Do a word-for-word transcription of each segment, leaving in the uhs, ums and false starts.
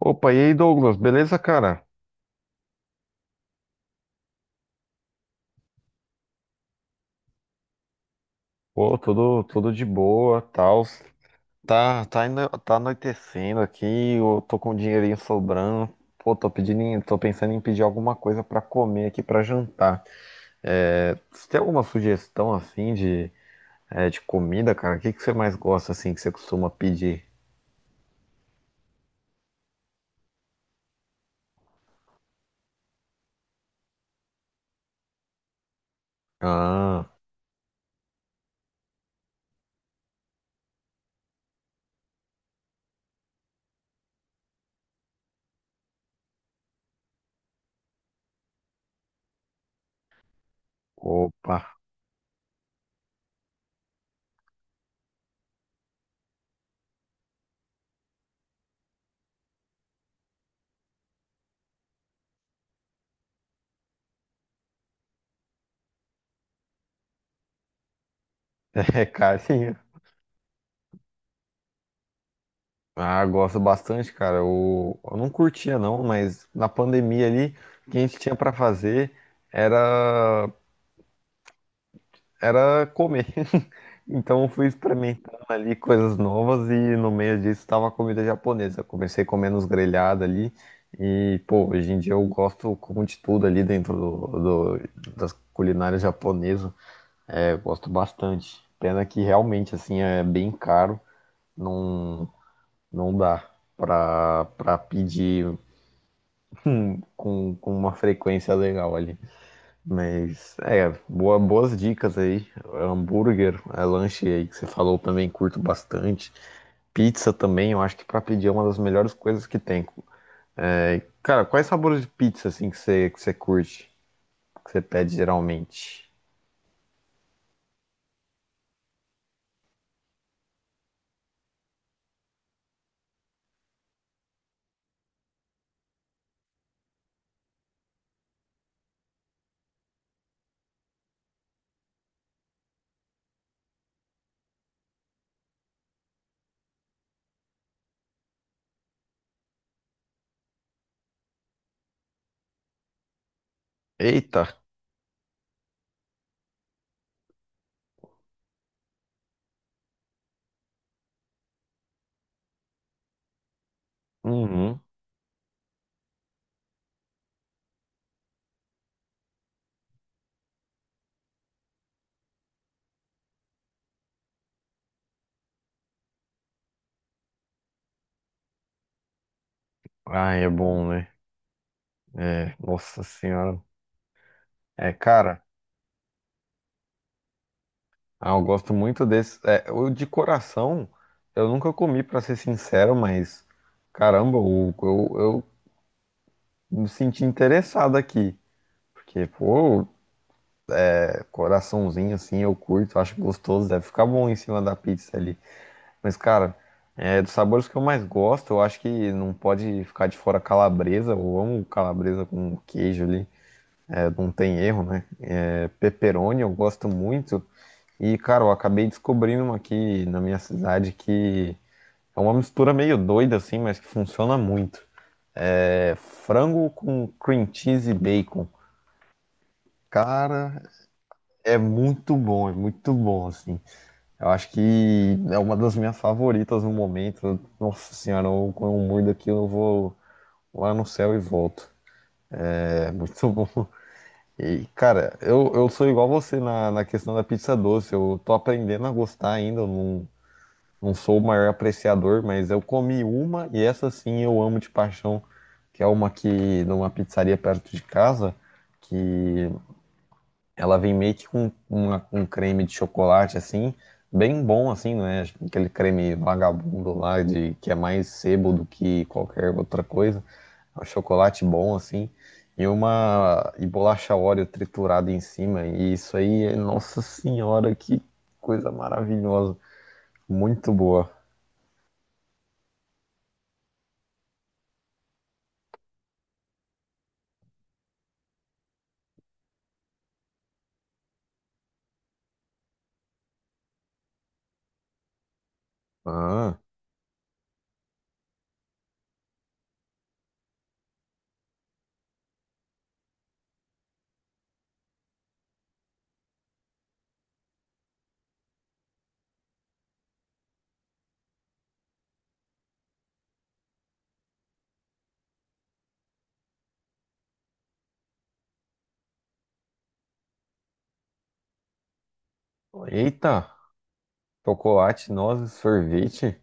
Opa, e aí, Douglas, beleza, cara? Pô, tudo, tudo de boa, tal. Tá, tá, ano- tá anoitecendo aqui, eu tô com um dinheirinho sobrando. Pô, tô pedindo, em- tô pensando em pedir alguma coisa pra comer aqui pra jantar. É, você tem alguma sugestão assim de, é, de comida, cara? O que que você mais gosta assim que você costuma pedir? Ah, opa, é carinho. Ah, gosto bastante, cara. Eu, eu não curtia não, mas na pandemia ali, o que a gente tinha pra fazer era era comer. Então eu fui experimentando ali coisas novas e no meio disso estava comida japonesa. Eu comecei comendo os grelhados ali e, pô, hoje em dia eu gosto como de tudo ali dentro do, do- das culinárias japonesas. É, eu gosto bastante. Pena que realmente assim é bem caro, não não dá. Pra, para pedir com, com uma frequência legal ali. Mas é, boa, boas dicas aí. Hambúrguer, é, lanche aí que você falou também, curto bastante. Pizza também, eu acho que para pedir é uma das melhores coisas que tem. É, cara, quais sabores de pizza assim que você, que você curte, que você pede geralmente? Eita! Uhum. Ai, é bom, né? É, nossa senhora. É, cara. Ah, eu gosto muito desse. É, o de coração, eu nunca comi, pra ser sincero, mas caramba, o- eu, eu me senti interessado aqui. Porque, pô, é, coraçãozinho assim, eu curto, acho gostoso, deve ficar bom em cima da pizza ali. Mas, cara, é, dos sabores que eu mais gosto, eu acho que não pode ficar de fora calabresa. Eu amo calabresa com queijo ali, é, não tem erro, né? É, pepperoni eu gosto muito. E, cara, eu acabei descobrindo uma aqui na minha cidade que. É uma mistura meio doida assim, mas que funciona muito. É frango com cream cheese e bacon. Cara, é muito bom, é muito bom assim. Eu acho que é uma das minhas favoritas no momento. Nossa senhora, eu, quando eu mordo aqui, eu vou lá no céu e volto. É muito bom. E, cara, eu, eu sou igual você na, na questão da pizza doce. Eu tô aprendendo a gostar ainda. Eu não, Não sou o maior apreciador, mas eu comi uma e essa sim eu amo de paixão, que é uma que numa pizzaria perto de casa, que ela vem meio que com uma- um creme de chocolate assim, bem bom assim, não é aquele creme vagabundo lá de que é mais sebo do que qualquer outra coisa. É um chocolate bom assim e uma e bolacha Oreo triturada em cima. E isso aí, é- nossa senhora, que coisa maravilhosa, muito boa. Ah. Eita, chocolate, nozes, sorvete.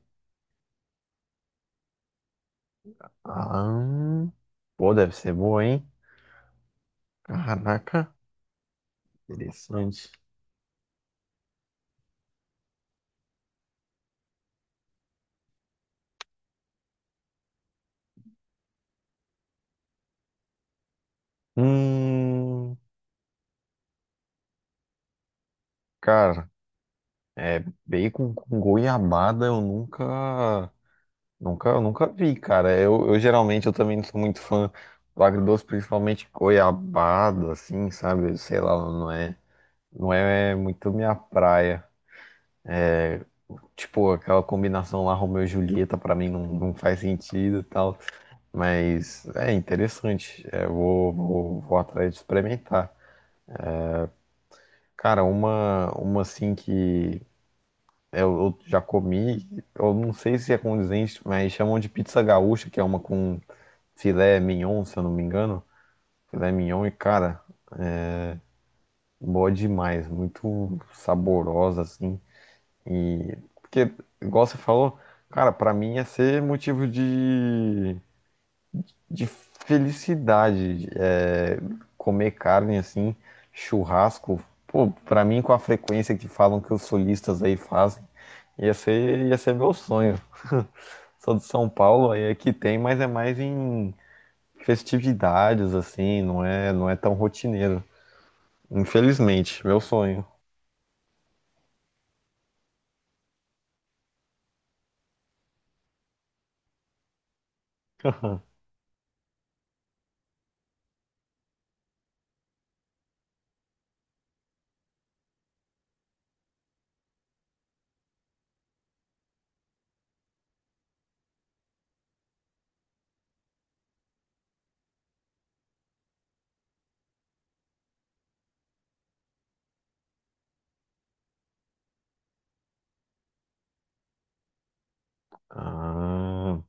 Ah, hum. Pô, deve ser boa, hein? Caraca, interessante. Hum, cara, bacon com goiabada eu nunca, nunca, nunca vi, cara. Eu, eu geralmente eu também não sou muito fã do agridoce, principalmente goiabada, assim, sabe? Sei lá, não é, não é muito minha praia. Tipo, aquela combinação lá, Romeu e Julieta, pra mim não, não faz sentido e tal. Mas é interessante. É, vou, vou, vou atrás de experimentar. Cara, uma, uma assim que eu, eu já comi, eu não sei se é condizente, mas chamam de pizza gaúcha, que é uma com filé mignon, se eu não me engano. Filé mignon e, cara, boa demais. Muito saborosa, assim. E, porque, igual você falou, cara, pra mim ia ser motivo de de felicidade. É, comer carne assim, churrasco, pô, pra mim com a frequência que falam que os solistas aí fazem, ia ser, ia ser meu sonho. Sou de São Paulo, aí aqui tem, mas é mais em festividades assim, não é, não é tão rotineiro. Infelizmente, meu sonho. Ah,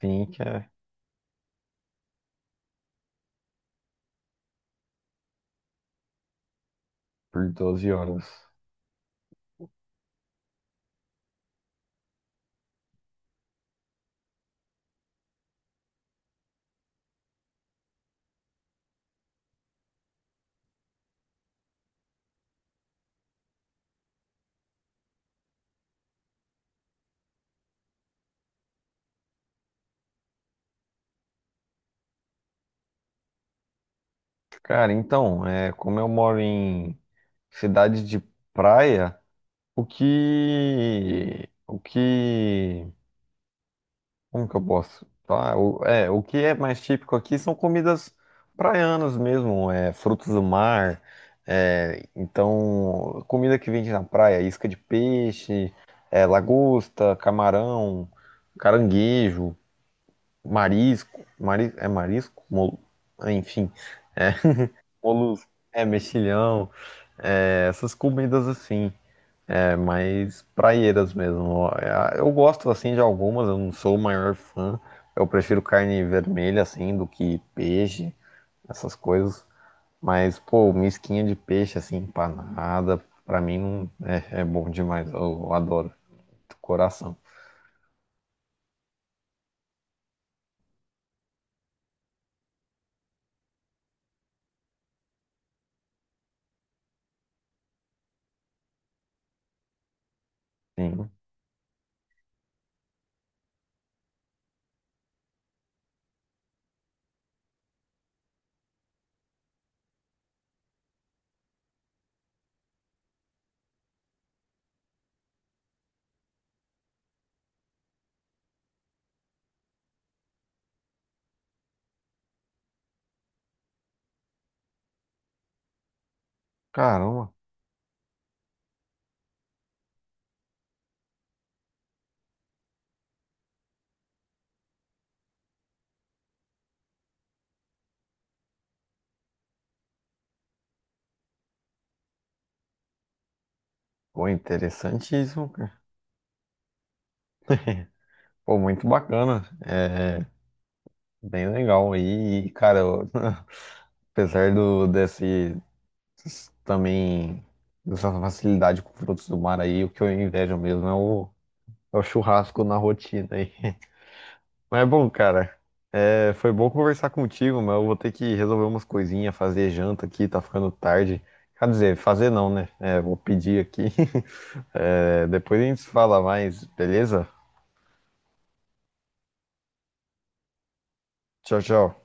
sim, que é por doze horas. Cara, então, é, como eu moro em cidade de praia. O que. O que. Como que eu posso falar? O, é, o que é mais típico aqui são comidas praianas mesmo, é, frutos do mar. É, então, comida que vende na praia, isca de peixe, é, lagosta, camarão, caranguejo, marisco. Mari, é marisco? Mol- enfim, é, molusco, é mexilhão, é, essas comidas assim. É mais praieiras mesmo. É, eu gosto assim de algumas, eu não sou o maior fã. Eu prefiro carne vermelha assim do que peixe, essas coisas. Mas pô, misquinha de peixe assim empanada, pra mim não é, é bom demais. Eu, eu adoro, do coração. Sim. Caramba, pô, interessantíssimo, cara. Pô, muito bacana. É bem legal aí, e, cara. eu- Apesar do, desse também essa facilidade com frutos do mar aí, o que eu invejo mesmo é o, é o churrasco na rotina aí. Mas é bom, cara, é, foi bom conversar contigo, mas eu vou ter que resolver umas coisinhas, fazer janta aqui, tá ficando tarde. Quer dizer, fazer não, né? É, vou pedir aqui. É, depois a gente se fala mais, beleza? Tchau, tchau.